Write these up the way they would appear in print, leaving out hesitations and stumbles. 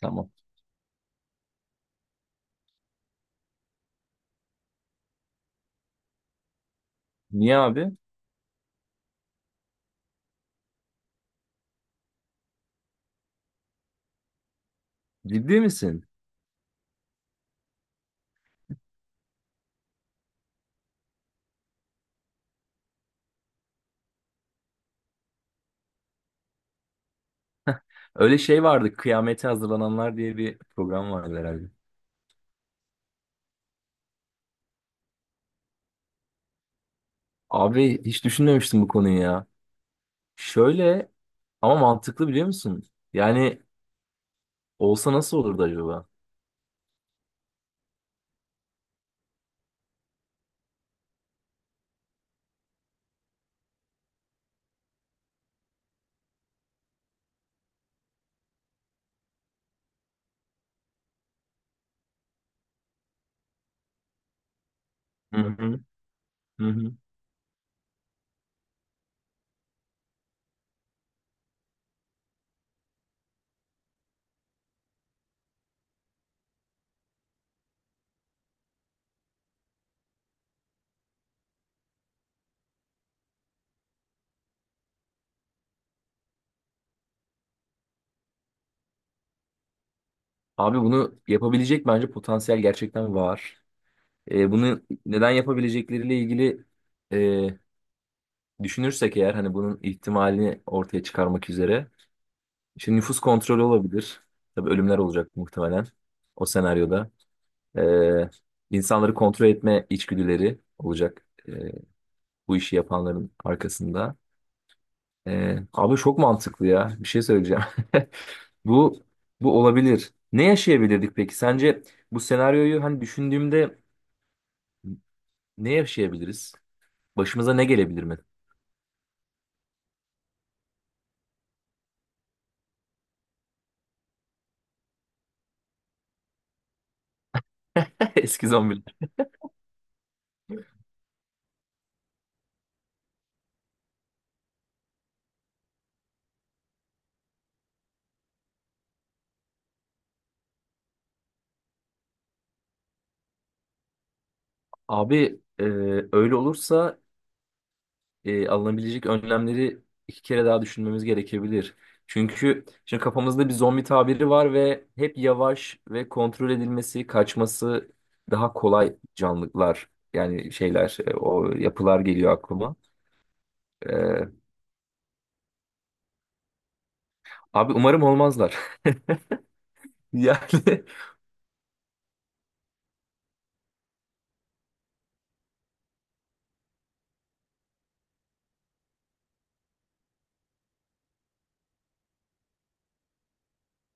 Tamam. Niye abi? Ciddi misin? Öyle şey vardı. Kıyamete hazırlananlar diye bir program vardı herhalde. Abi hiç düşünmemiştim bu konuyu ya. Şöyle ama mantıklı biliyor musun? Yani olsa nasıl olurdu acaba? Hı hı, hı hı. Abi bunu yapabilecek bence potansiyel gerçekten var. Bunu neden yapabilecekleriyle ilgili e, düşünürsek eğer hani bunun ihtimalini ortaya çıkarmak üzere. Şimdi nüfus kontrolü olabilir. Tabii ölümler olacak muhtemelen o senaryoda. Ee, insanları kontrol etme içgüdüleri olacak, bu işi yapanların arkasında. Abi çok mantıklı ya. Bir şey söyleyeceğim. Bu bu olabilir. Ne yaşayabilirdik peki? Sence bu senaryoyu hani düşündüğümde ne yaşayabiliriz? Başımıza ne gelebilir mi? Eski zombiler. Abi, öyle olursa alınabilecek önlemleri iki kere daha düşünmemiz gerekebilir. Çünkü şimdi kafamızda bir zombi tabiri var ve hep yavaş ve kontrol edilmesi, kaçması daha kolay canlılar, yani şeyler, o yapılar geliyor aklıma. E, abi umarım olmazlar. Yani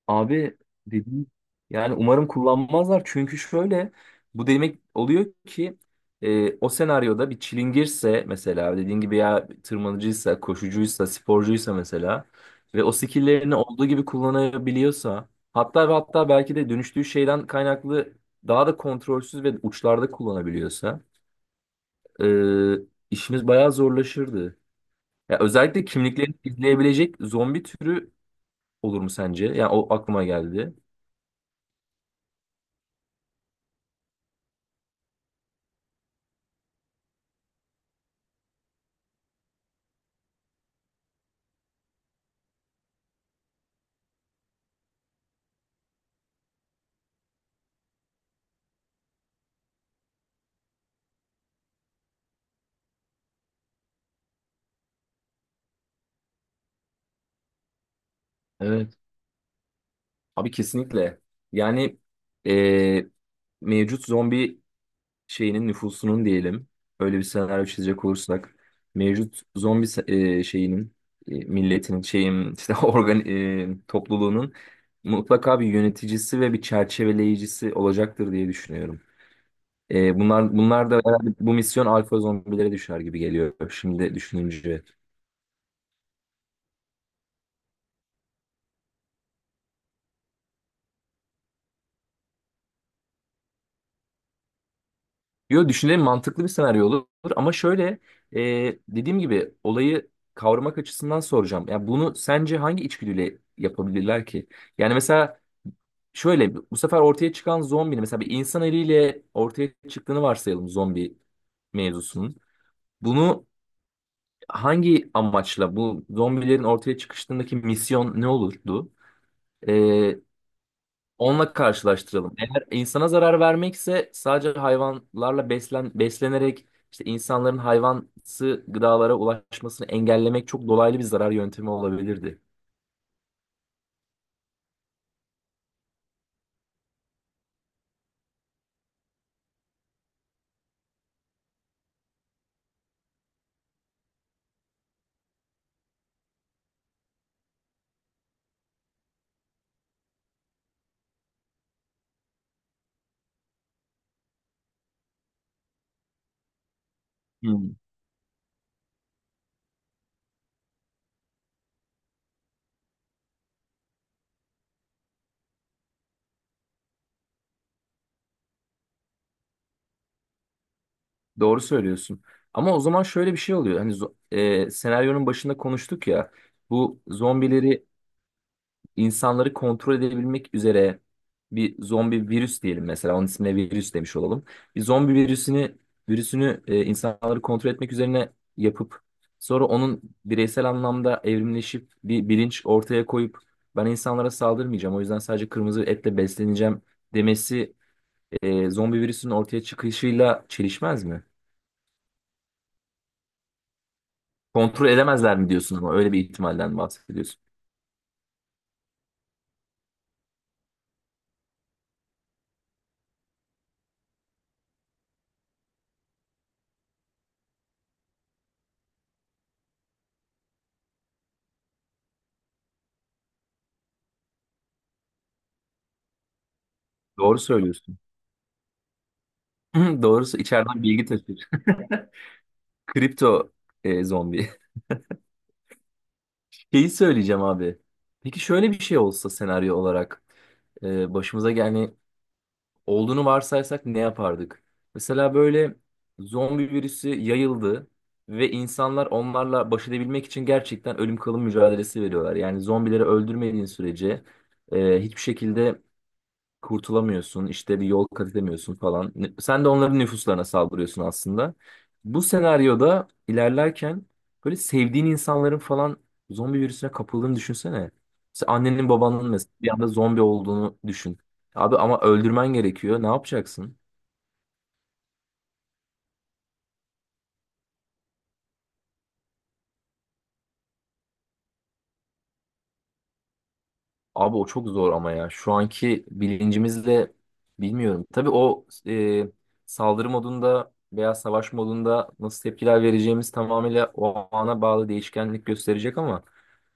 abi dedim, yani umarım kullanmazlar, çünkü şöyle, bu demek oluyor ki o senaryoda bir çilingirse mesela dediğin gibi, ya tırmanıcıysa, koşucuysa, sporcuysa mesela, ve o skilllerini olduğu gibi kullanabiliyorsa, hatta ve hatta belki de dönüştüğü şeyden kaynaklı daha da kontrolsüz ve uçlarda kullanabiliyorsa, e, işimiz bayağı zorlaşırdı. Ya özellikle kimliklerini izleyebilecek zombi türü olur mu sence? Yani o aklıma geldi. Abi kesinlikle. Yani, e, mevcut zombi şeyinin nüfusunun diyelim. Öyle bir senaryo çizecek olursak. Mevcut zombi se- Şeyinin, milletinin, şeyin, işte organ, topluluğunun mutlaka bir yöneticisi ve bir çerçeveleyicisi olacaktır diye düşünüyorum. E, bunlar da herhalde bu misyon alfa zombilere düşer gibi geliyor şimdi düşününce. Yo düşünelim, mantıklı bir senaryo olur ama şöyle, dediğim gibi olayı kavramak açısından soracağım. Ya bunu sence hangi içgüdüyle yapabilirler ki? Yani mesela şöyle, bu sefer ortaya çıkan zombinin mesela bir insan eliyle ortaya çıktığını varsayalım, zombi mevzusunun. Bunu hangi amaçla, bu zombilerin ortaya çıkışındaki misyon ne olurdu? Onunla karşılaştıralım. Eğer insana zarar vermekse, sadece hayvanlarla beslenerek işte insanların hayvansı gıdalara ulaşmasını engellemek çok dolaylı bir zarar yöntemi olabilirdi. Hmm. Doğru söylüyorsun. Ama o zaman şöyle bir şey oluyor. Hani senaryonun başında konuştuk ya. Bu zombileri insanları kontrol edebilmek üzere, bir zombi virüs diyelim mesela. Onun ismine virüs demiş olalım. Bir zombi virüsünü, insanları kontrol etmek üzerine yapıp sonra onun bireysel anlamda evrimleşip bir bilinç ortaya koyup "ben insanlara saldırmayacağım, o yüzden sadece kırmızı etle besleneceğim" demesi, zombi virüsünün ortaya çıkışıyla çelişmez mi? Kontrol edemezler mi diyorsun, ama öyle bir ihtimalden bahsediyorsun. Doğru söylüyorsun. Doğrusu içeriden bilgi taşır. Kripto, zombi. Şeyi söyleyeceğim abi. Peki şöyle bir şey olsa senaryo olarak, başımıza yani olduğunu varsaysak, ne yapardık? Mesela böyle zombi virüsü yayıldı ve insanlar onlarla baş edebilmek için gerçekten ölüm kalım mücadelesi veriyorlar. Yani zombileri öldürmediğin sürece hiçbir şekilde kurtulamıyorsun, işte bir yol kat edemiyorsun falan. Sen de onların nüfuslarına saldırıyorsun aslında. Bu senaryoda ilerlerken böyle sevdiğin insanların falan zombi virüsüne kapıldığını düşünsene. Mesela annenin babanın mesela bir anda zombi olduğunu düşün. Abi ama öldürmen gerekiyor. Ne yapacaksın? Abi o çok zor ama ya. Şu anki bilincimizle bilmiyorum. Tabii o, saldırı modunda veya savaş modunda nasıl tepkiler vereceğimiz tamamıyla o ana bağlı değişkenlik gösterecek ama.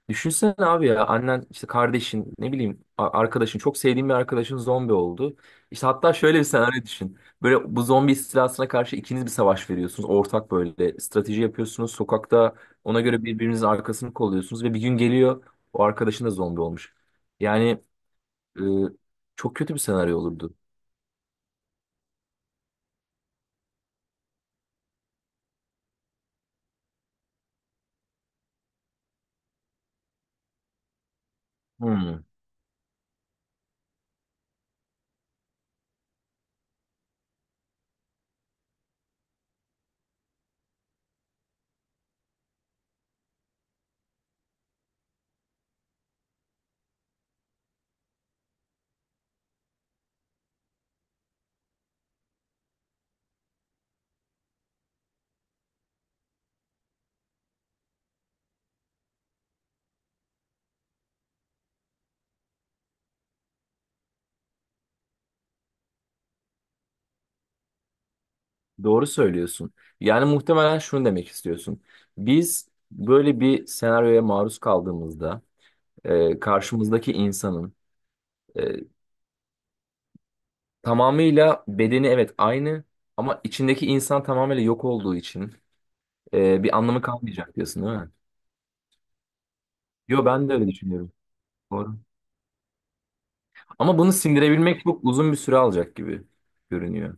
Düşünsene abi ya, annen, işte kardeşin, ne bileyim, arkadaşın, çok sevdiğin bir arkadaşın zombi oldu. İşte hatta şöyle bir senaryo düşün. Böyle bu zombi istilasına karşı ikiniz bir savaş veriyorsunuz. Ortak böyle strateji yapıyorsunuz. Sokakta ona göre birbirinizin arkasını kolluyorsunuz ve bir gün geliyor, o arkadaşın da zombi olmuş. Yani, e, çok kötü bir senaryo olurdu. Hmm, doğru söylüyorsun. Yani muhtemelen şunu demek istiyorsun. Biz böyle bir senaryoya maruz kaldığımızda, karşımızdaki insanın, E, tamamıyla bedeni evet aynı, ama içindeki insan tamamıyla yok olduğu için bir anlamı kalmayacak diyorsun değil mi? Yo ben de öyle düşünüyorum. Doğru. Ama bunu sindirebilmek çok uzun bir süre alacak gibi görünüyor.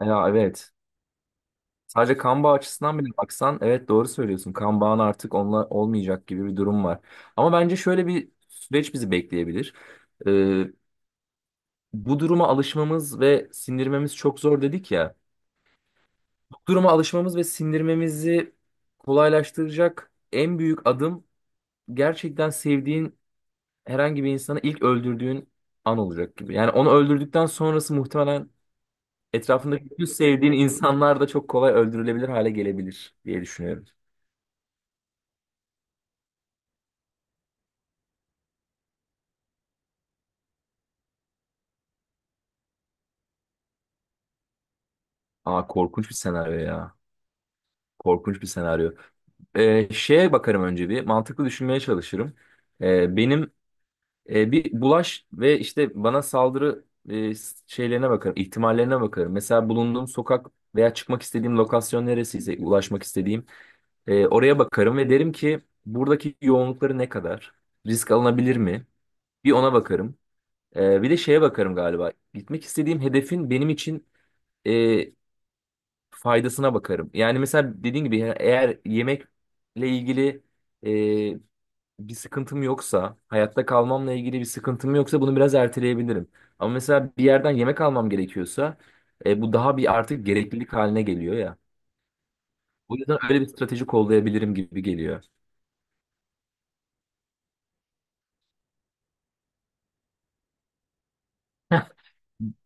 Ya evet. Sadece kan bağı açısından bile baksan evet doğru söylüyorsun. Kan bağın artık onunla olmayacak gibi bir durum var. Ama bence şöyle bir süreç bizi bekleyebilir. E, bu duruma alışmamız ve sindirmemiz çok zor dedik ya. Duruma alışmamız ve sindirmemizi kolaylaştıracak en büyük adım, gerçekten sevdiğin herhangi bir insanı ilk öldürdüğün an olacak gibi. Yani onu öldürdükten sonrası muhtemelen etrafındaki bütün sevdiğin insanlar da çok kolay öldürülebilir hale gelebilir diye düşünüyorum. Aa, korkunç bir senaryo ya. Korkunç bir senaryo. Şeye bakarım önce bir. Mantıklı düşünmeye çalışırım. Benim, bir bulaş ve işte bana saldırı, şeylerine bakarım, ihtimallerine bakarım. Mesela bulunduğum sokak veya çıkmak istediğim lokasyon neresiyse, ulaşmak istediğim, oraya bakarım ve derim ki buradaki yoğunlukları ne kadar? Risk alınabilir mi? Bir ona bakarım. E, bir de şeye bakarım galiba. Gitmek istediğim hedefin benim için e, faydasına bakarım. Yani mesela dediğin gibi eğer yemekle ilgili bir sıkıntım yoksa, hayatta kalmamla ilgili bir sıkıntım yoksa bunu biraz erteleyebilirim. Ama mesela bir yerden yemek almam gerekiyorsa bu daha bir artık gereklilik haline geliyor ya. O yüzden öyle bir strateji kollayabilirim gibi geliyor.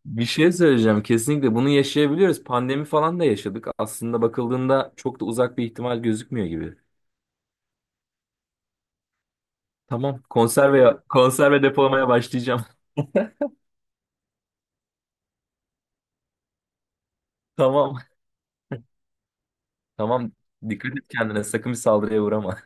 Bir şey söyleyeceğim. Kesinlikle bunu yaşayabiliyoruz. Pandemi falan da yaşadık. Aslında bakıldığında çok da uzak bir ihtimal gözükmüyor gibi. Tamam. Konserve depolamaya başlayacağım. Tamam. Tamam. Dikkat et kendine. Sakın bir saldırıya uğrama.